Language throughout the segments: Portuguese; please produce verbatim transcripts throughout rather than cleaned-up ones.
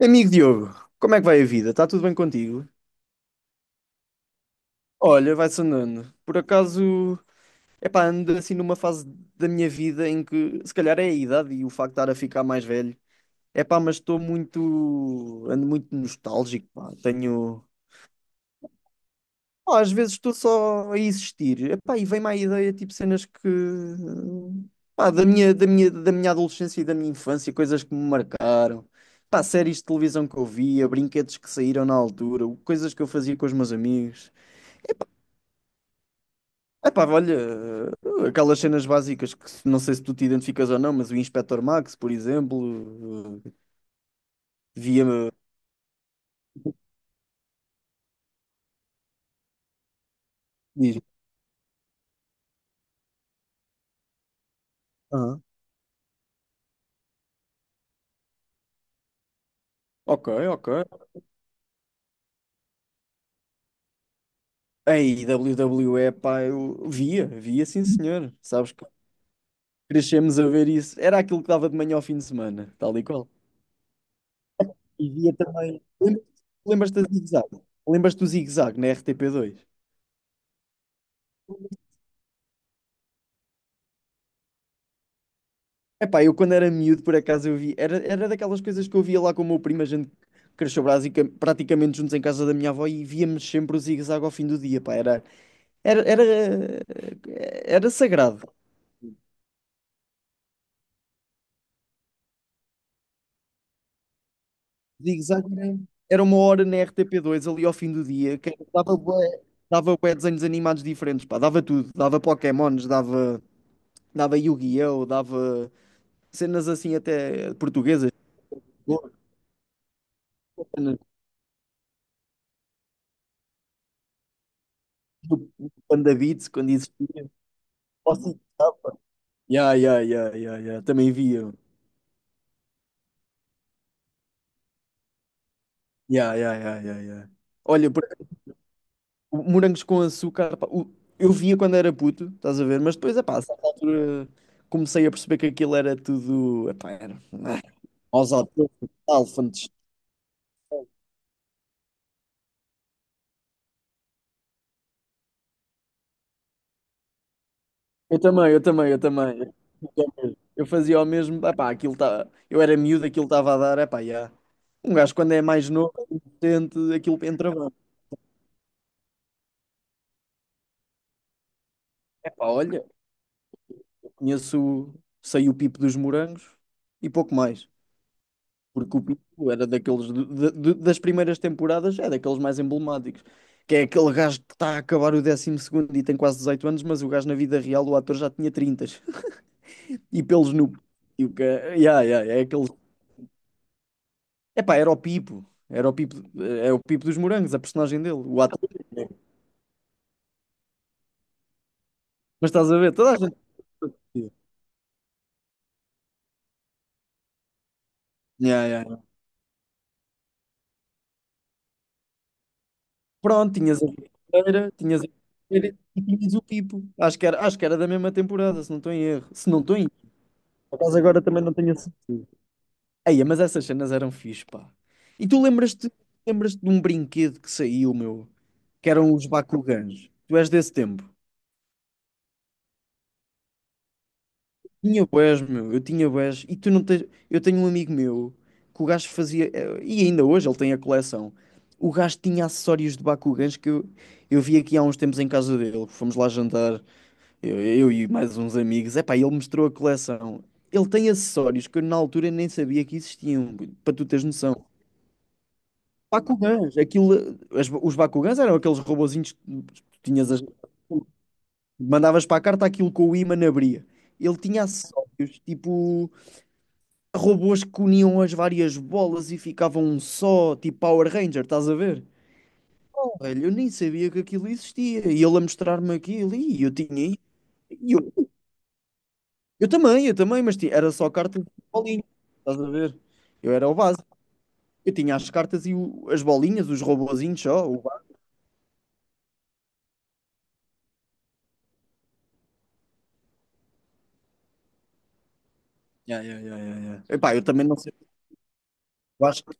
Amigo Diogo, como é que vai a vida? Está tudo bem contigo? Olha, vai-se andando. Por acaso, epá, ando assim numa fase da minha vida em que se calhar é a idade e o facto de estar a ficar mais velho. Epá, mas estou muito, ando muito nostálgico, pá. Tenho, pá, às vezes estou só a existir. Epá, e vem-me à ideia tipo cenas que, pá, da minha, da minha, da minha adolescência e da minha infância, coisas que me marcaram. Pá, séries de televisão que eu via, brinquedos que saíram na altura, coisas que eu fazia com os meus amigos. Epá, olha, eh, aquelas cenas básicas que se- não sei se tu te identificas ou não, mas o Inspector Max, por exemplo, eh, via diz, "Ah, ok, ok. Ei, W W E, pá, eu via, via, sim senhor. Sabes que crescemos a ver isso. Era aquilo que dava de manhã ao fim de semana, tal e qual. E via também. Lembras- Lembras-te da Zig Zag? Lembras-te do Zig Zag na R T P dois? Epá, eu quando era miúdo, por acaso, eu vi. Era, era daquelas coisas que eu via lá com o meu primo. A gente cresceu brasica- praticamente juntos em casa da minha avó e víamos sempre o zigue-zague ao fim do dia, pá. Era, era, era, era sagrado. Zigue-zague era, era uma hora na R T P dois ali ao fim do dia, que dava, bué- dava bué desenhos animados diferentes, pá. Dava tudo. Dava Pokémons, dava, dava Yu-Gi-Oh!, dava cenas assim até portuguesas. Cenas do Panda Beats, quando existia. Yeah, yeah, yeah, yeah, yeah. Também via. Yeah, yeah, yeah, yeah, yeah. Olha, por- o- morangos com açúcar, pá, o- eu via quando era puto, estás a ver? Mas depois, epá, a certa altura comecei a perceber que aquilo era tudo. Epá, era. Aos alfantes. Eu também, eu também, eu também. Eu também. Eu fazia o mesmo, epá, aquilo tá, eu era miúdo, aquilo estava a dar, epá, yeah. Um gajo quando é mais novo, inocente, aquilo entra bem. Epá, olha, conheço, o- sei o pipo dos morangos e pouco mais. Porque o Pinto era daqueles de- de- das primeiras temporadas, é daqueles mais emblemáticos. Que é aquele gajo que está a acabar o décimo segundo e tem quase dezoito anos, mas o gajo na vida real, o ator já tinha trinta. E pelos no. E o que é, yeah, yeah, é aquele. Epá, era o Pipo. Era o Pipo, eh, é o Pipo dos Morangos, a personagem dele, o ator. Mas estás a ver, toda a gente. Yeah, yeah, yeah. Pronto, tinhas a Vieira, tinhas a Vieira e tinhas o Pipo. Acho que era, acho que era da mesma temporada, se não estou em erro. Se não estou em erro. Por acaso agora também não tenho a certeza. Eia, mas essas cenas eram fixe, pá. E tu lembras-te, lembras-te de um brinquedo que saiu, meu, que eram os Bakugans. Tu és desse tempo. Tinha bués, meu, eu tinha bués. E tu não tens. Eu tenho um amigo meu que o gajo fazia. eh, E ainda hoje ele tem a coleção. O gajo tinha acessórios de Bakugans que eu, eu vi aqui há uns tempos em casa dele. Fomos lá jantar, eu, eu e mais uns amigos. Epá, ele mostrou a coleção. Ele tem acessórios que eu na altura nem sabia que existiam, para tu teres noção. Bakugans, aquilo, as- os Bakugans eram aqueles robozinhos que tinhas as- mandavas para a carta aquilo com o ímã abria. Ele tinha acessórios, tipo robôs que uniam as várias bolas e ficavam um só, tipo Power Ranger, estás a ver? Oh, velho, eu nem sabia que aquilo existia. E ele a mostrar-me aquilo, e eu tinha isso. E eu, eu também, eu também, mas ti- era só cartas e bolinhas, estás a ver? Eu era o básico. Eu tinha as cartas e o- as bolinhas, os robozinhos só. O básico. Yeah, yeah, yeah, yeah, yeah. Epá, eu também não. Eu acho que,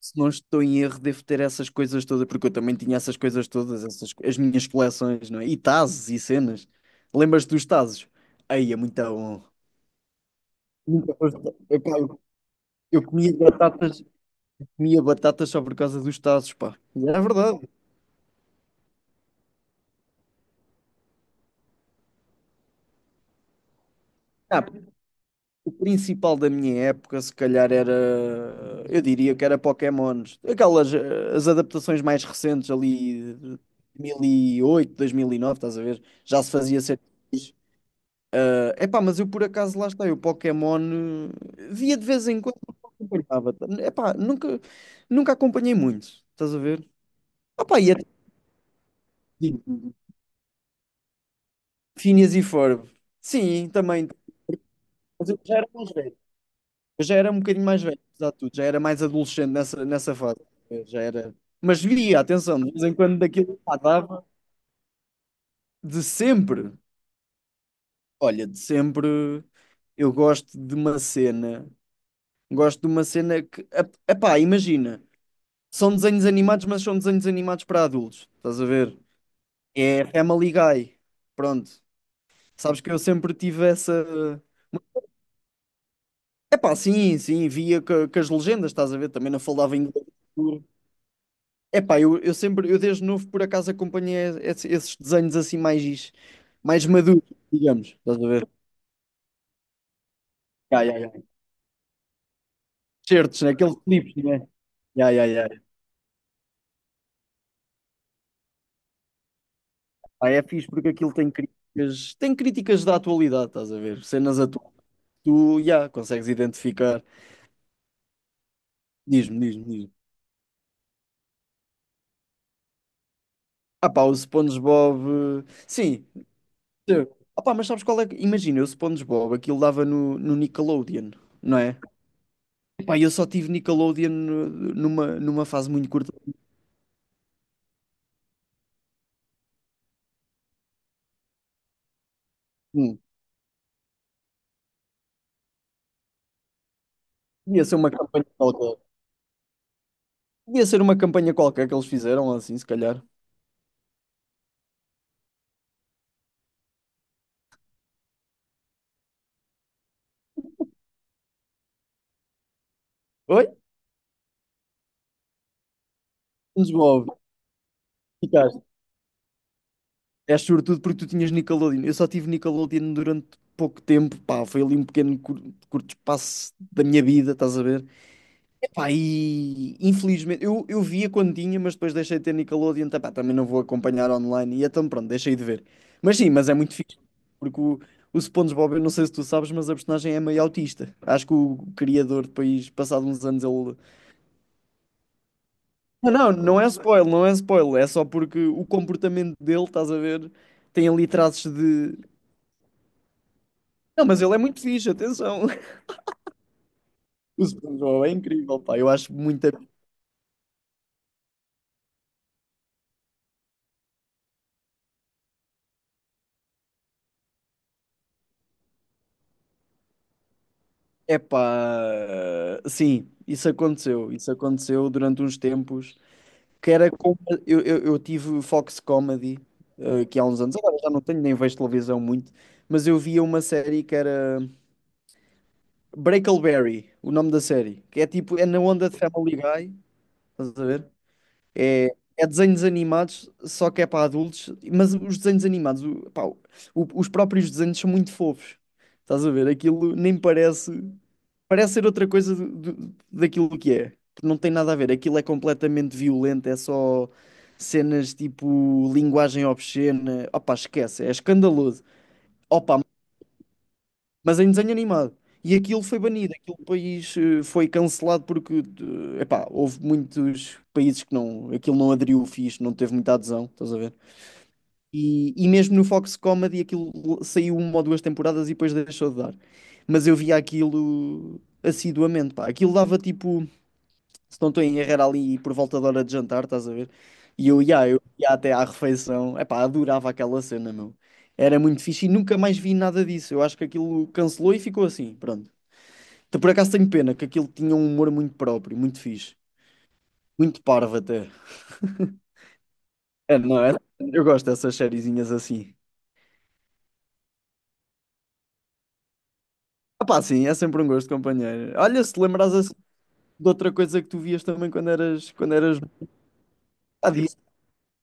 se não estou em erro, devo ter essas coisas todas, porque eu também tinha essas coisas todas, essas, as minhas coleções, não é? E tazos e cenas. Lembras-te dos tazos? Aí é muito bom. Nunca foste. Eu, pá, eu- eu comia batatas, comia batatas só por causa dos tazos, pá. É verdade. Ah, o principal da minha época, se calhar, era. Eu diria que era Pokémons. Aquelas eh, as adaptações mais recentes ali, de dois mil e oito, dois mil e nove, estás a ver? Já se fazia ser. Epá, mas eu por acaso lá está, eu Pokémon eh, via de vez em quando, mas não acompanhava. Epá, nunca, nunca acompanhei muito, estás a ver? Opá, e até Phineas e Ferb. Sim, também. Mas eu já era mais velho. Eu já era um bocadinho mais velho, apesar de tudo. Já era mais adolescente nessa, nessa fase. Eu já era. Mas via, atenção, de vez em quando daquilo pá, dava. De sempre. Olha, de sempre eu gosto de uma cena. Gosto de uma cena que. ep- Epá, imagina. São desenhos animados, mas são desenhos animados para adultos. Estás a ver? É Family Guy. Pronto. Sabes que eu sempre tive essa. Epá, sim, sim, via co- com as legendas, estás a ver? Também não falava inglês. Epá, eu, eu sempre, eu desde novo por acaso acompanhei esse- esses desenhos assim mais, mais, maduros, digamos, estás a ver? Ya, ya, ya. Certos, né? Aqueles clipes, né? Ya, ya, ya. Pá, é fixe porque aquilo tem críticas, tem críticas da atualidade, estás a ver? Cenas atuais. Tu, ya, consegues identificar. Diz-me, diz-me, diz-me. Ah pá, o SpongeBob. eh, Sim. Ah pá, mas sabes qual é? que- Imagina, o SpongeBob, aquilo dava no, no Nickelodeon, não é? Pá, eu só tive Nickelodeon eh, numa, numa fase muito curta. Hum. Ia ser uma campanha qualquer. Ia ser uma campanha qualquer que eles fizeram, assim, se calhar. Oi? SpongeBob, ficaste. És sobretudo porque tu tinhas Nickelodeon. Eu só tive Nickelodeon durante pouco tempo, pá, foi ali um pequeno cur- curto espaço da minha vida, estás a ver? Epá, e infelizmente, eu, eu via quando tinha, mas depois deixei de ter Nickelodeon, tá, pá, também não vou acompanhar online, e então pronto, deixei de ver. Mas sim, mas é muito fixe, porque o, o SpongeBob, eu não sei se tu sabes, mas a personagem é meio autista. Acho que o criador depois, passado uns anos, ele. Não, não, não é spoiler, não é spoiler, é só porque o comportamento dele, estás a ver, tem ali traços de. Não, mas ele é muito fixe, atenção. O SpongeBob é incrível, pá, eu acho muito. Epá, sim, isso aconteceu. Isso aconteceu durante uns tempos. Que era com- eu, eu, eu tive Fox Comedy, eh, que há uns anos, agora já não tenho, nem vejo televisão muito, mas eu via uma série que era Breakleberry, o nome da série, que é tipo, é na onda de Family Guy, estás a ver? É, é desenhos animados, só que é para adultos, mas os desenhos animados, o- pá, o- os próprios desenhos são muito fofos. Estás a ver? Aquilo nem parece. Parece ser outra coisa do- do- daquilo que é. Não tem nada a ver. Aquilo é completamente violento, é só cenas tipo linguagem obscena. Opa, esquece, é escandaloso. Opa, mas em desenho animado. E aquilo foi banido, aquele país eh, foi cancelado porque, eh, epá, houve muitos países que não, aquilo não aderiu fixe, não teve muita adesão, estás a ver? E, e mesmo no Fox Comedy aquilo saiu uma ou duas temporadas e depois deixou de dar. Mas eu via aquilo assiduamente, pá. Aquilo dava tipo. Se não estou em erro, era ali por volta da hora de jantar, estás a ver? E eu ia, eu ia até à refeição. Epá, adorava aquela cena, meu. Era muito fixe e nunca mais vi nada disso. Eu acho que aquilo cancelou e ficou assim, pronto. Então, por acaso tenho pena que aquilo tinha um humor muito próprio, muito fixe. Muito parvo até. É, não é? Eu gosto dessas sériezinhas assim. Epá, sim, é sempre um gosto, companheiro. Olha, se te lembrares assim de outra coisa que tu vias também quando eras, quando eras. Ah, diz,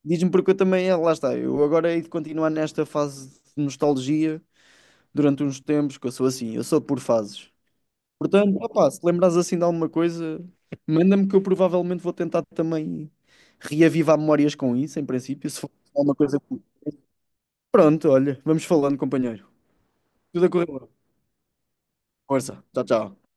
diz-me porque eu também, ah, lá está, eu agora hei de continuar nesta fase de nostalgia durante uns tempos, que eu sou assim, eu sou por fases. Portanto, opá, se lembrares assim de alguma coisa, manda-me que eu provavelmente vou tentar também reavivar memórias com isso, em princípio, se for alguma coisa. Pronto, olha, vamos falando, companheiro. Tudo a correr bem. Força. Tchau, tchau.